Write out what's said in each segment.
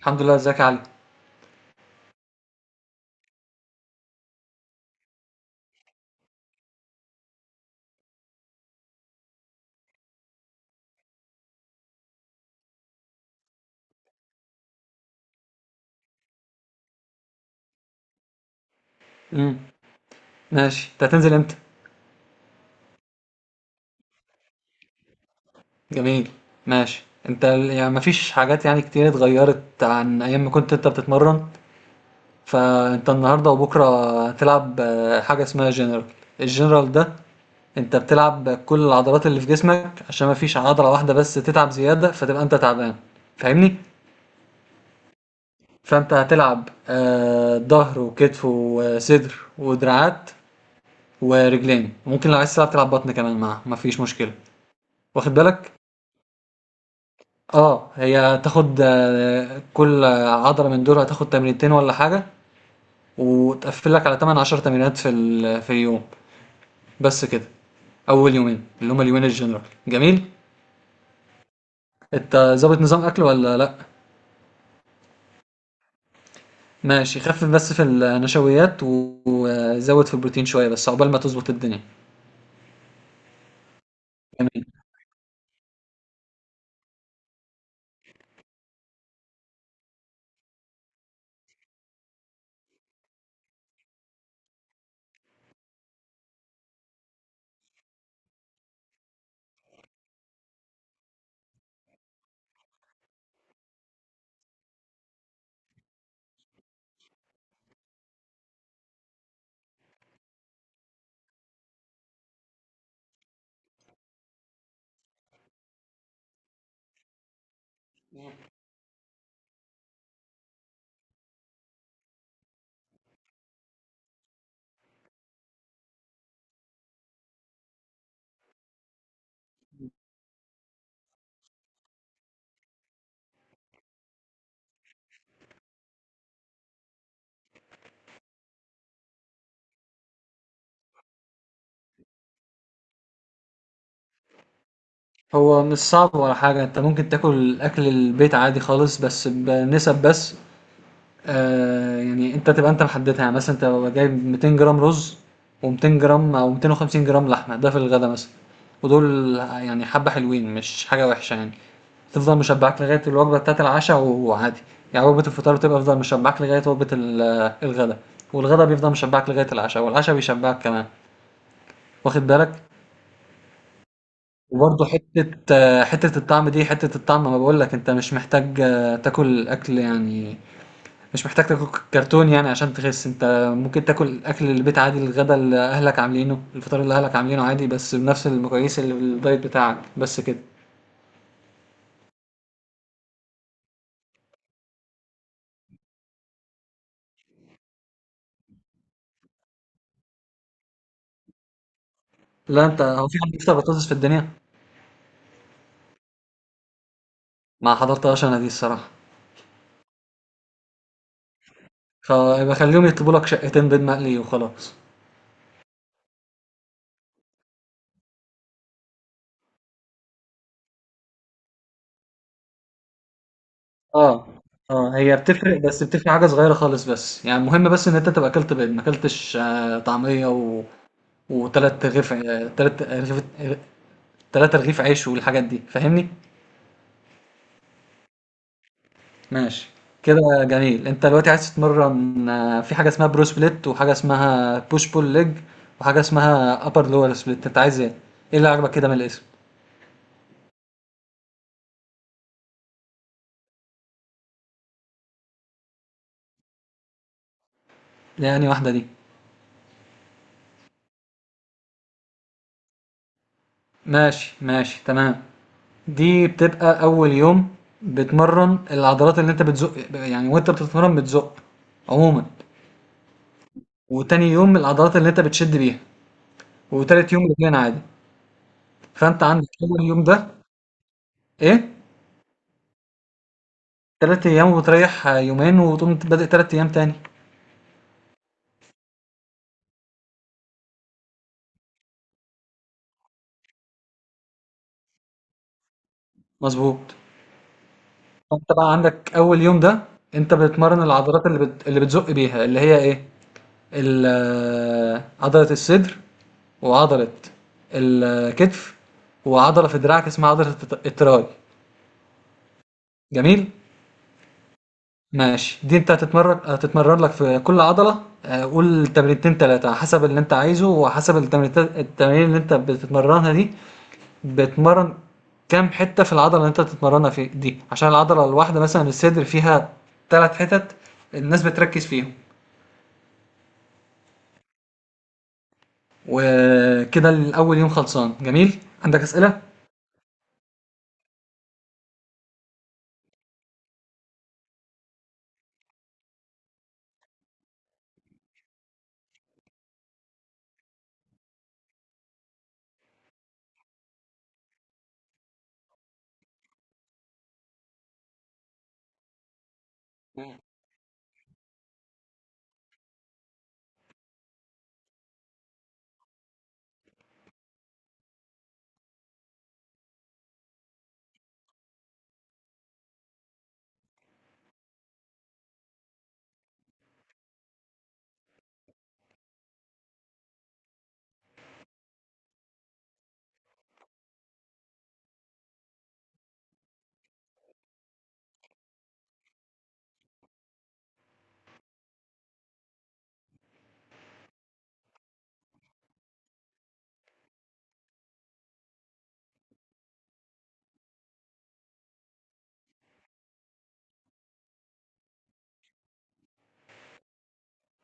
الحمد لله، ازيك يا علي؟ امم ماشي، انت هتنزل امتى؟ جميل. ماشي. انت يعني مفيش حاجات يعني كتير اتغيرت عن ايام ما كنت انت بتتمرن. فانت النهارده وبكره هتلعب حاجه اسمها جنرال. الجنرال ده انت بتلعب كل العضلات اللي في جسمك، عشان مفيش عضله واحده بس تتعب زياده فتبقى انت تعبان. فاهمني؟ فانت هتلعب ظهر وكتف وصدر ودراعات ورجلين، ممكن لو عايز تلعب تلعب بطن كمان معاه مفيش مشكله. واخد بالك؟ هي هتاخد كل عضلة من دول هتاخد تمرينتين ولا حاجة، وتقفل لك على 8 10 تمرينات في اليوم، بس كده. أول يومين اللي هما اليومين الجنرال. جميل. أنت ظابط نظام أكل ولا لأ؟ ماشي، خفف بس في النشويات وزود في البروتين شوية، بس عقبال ما تظبط الدنيا. جميل. هو مش صعب ولا حاجة، أنت ممكن تاكل أكل البيت عادي خالص بس بنسب، بس يعني أنت تبقى أنت محددها، يعني مثلًا أنت بابقى جايب 200 جرام رز و200 جرام أو 250 جرام لحمة، ده في الغدا مثلًا، ودول يعني حبة حلوين مش حاجة وحشة يعني، تفضل مشبعاك لغاية الوجبة بتاعة العشا وعادي، يعني وجبة الفطار بتبقى تفضل مشبعاك لغاية وجبة الغدا، والغدا بيفضل مشبعاك لغاية العشا، والعشا بيشبعك كمان، واخد بالك؟ وبرضه حتة حتة الطعم دي، حتة الطعم، ما باقول لك أنت مش محتاج تاكل أكل يعني، مش محتاج تاكل كرتون يعني عشان تخس انت. ممكن تاكل اكل البيت عادي، الغدا اللي اهلك عاملينه، الفطار اللي اهلك عاملينه عادي، بس بنفس المقاييس اللي في الدايت بتاعك، بس كده. لا، انت، هو في حد بيفطر بطاطس في الدنيا؟ ما حضرتهاش انا دي الصراحه. يبقى خليهم يطلبوا لك شقتين بيض مقلي وخلاص. اه. اه هي بتفرق، بس بتفرق حاجه صغيره خالص، بس يعني المهم بس ان انت تبقى اكلت بيض، ما اكلتش طعميه وتلات رغيف آه، تلات رغيف تلات رغيف عيش والحاجات دي. فاهمني؟ ماشي. كده جميل، انت دلوقتي عايز تتمرن في حاجه اسمها برو سبليت، وحاجه اسمها بوش بول ليج، وحاجه اسمها ابر لور سبليت. انت عايز ايه؟ ايه اللي عجبك كده من الاسم؟ يعني واحده دي؟ ماشي ماشي، تمام. دي بتبقى اول يوم، بتمرن العضلات اللي انت بتزق، يعني وانت بتتمرن بتزق عموما. وتاني يوم العضلات اللي انت بتشد بيها. وتالت يوم رجلين عادي. فانت عندك اول يوم ده، ايه، تلات ايام وتريح يومين وتقوم بادئ تلات ايام تاني. مضبوط. فأنت بقى عندك أول يوم ده، أنت بتمرن العضلات اللي بتزق بيها، اللي هي إيه؟ عضلة الصدر، وعضلة الكتف، وعضلة في دراعك اسمها عضلة التراي. جميل؟ ماشي، دي انت هتتمرن، هتتمرن لك في كل عضلة قول تمرينتين تلاتة، حسب اللي انت عايزه وحسب التمارين اللي انت بتتمرنها دي، بتمرن كام حتة في العضلة اللي أنت بتتمرنها في دي، عشان العضلة الواحدة مثلا الصدر فيها تلات حتت الناس بتركز فيهم. وكده الأول يوم خلصان، جميل؟ عندك أسئلة؟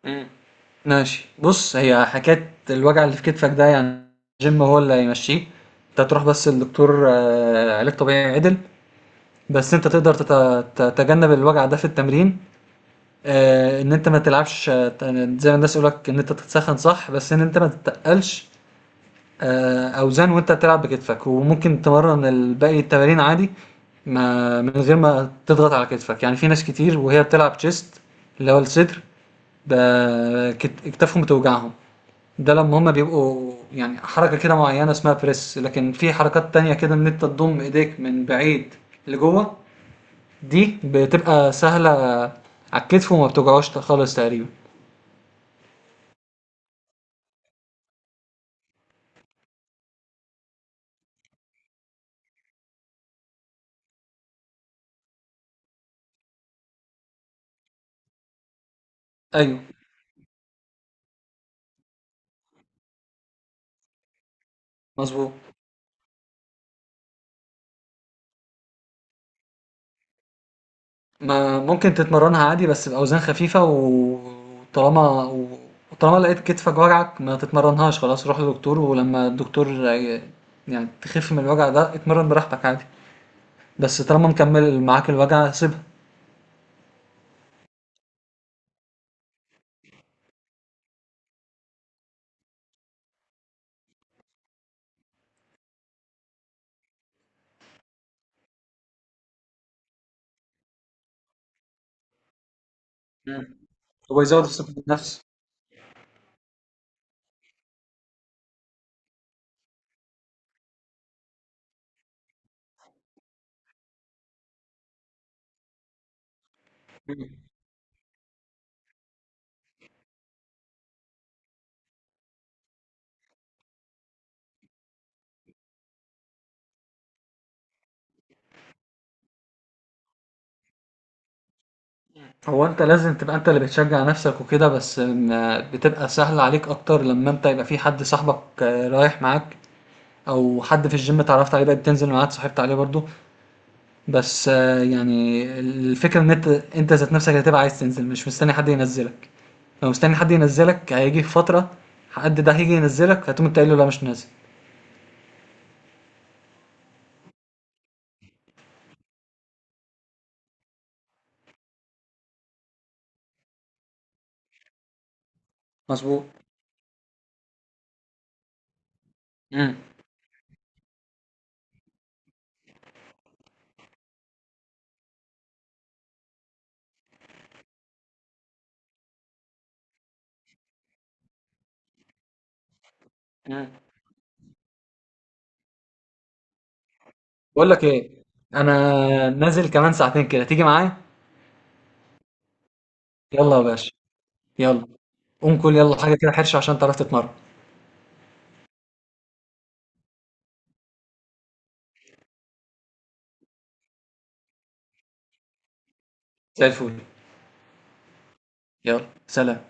مم. ماشي، بص، هي حكاية الوجع اللي في كتفك ده، يعني الجيم هو اللي هيمشيه. انت تروح بس للدكتور علاج طبيعي عدل. بس انت تقدر تتجنب الوجع ده في التمرين، ان انت ما تلعبش، زي ما الناس يقولك ان انت تتسخن صح، بس ان انت ما تتقلش اوزان وانت بتلعب بكتفك. وممكن تمرن الباقي التمارين عادي، ما من غير ما تضغط على كتفك. يعني في ناس كتير وهي بتلعب تشيست، اللي هو الصدر، كتافهم بتوجعهم، ده لما هما بيبقوا يعني حركة كده معينة اسمها بريس، لكن في حركات تانية كده ان انت تضم ايديك من بعيد لجوه، دي بتبقى سهلة على الكتف وما بتوجعوش خالص تقريبا. ايوه. مظبوط. ما ممكن تتمرنها عادي بس بأوزان خفيفة وطالما و- وطالما لقيت كتفك وجعك ما تتمرنهاش، خلاص روح لدكتور، ولما الدكتور يعني تخف من الوجع ده اتمرن براحتك عادي. بس طالما مكمل معاك الوجع سيبها. مم. هو يزود الثقة بالنفس. مم. هو انت لازم تبقى انت اللي بتشجع نفسك وكده، بس بتبقى سهل عليك اكتر لما انت يبقى في حد صاحبك رايح معاك، او حد في الجيم اتعرفت عليه بقى بتنزل معاه اتصاحبت عليه برضو. بس يعني الفكرة ان انت ذات نفسك هتبقى عايز تنزل، مش مستني حد ينزلك. لو مستني حد ينزلك هيجي في فترة حد ده هيجي ينزلك هتقوم انت قايل له لا مش نازل. مظبوط. امم امم بقول لك ايه، انا نازل كمان ساعتين كده، تيجي معايا؟ يلا يا باشا. يلا، قوم كل يلا حاجة كده حرشة عشان تعرف تتمرن. زي الفل. يلا، سلام.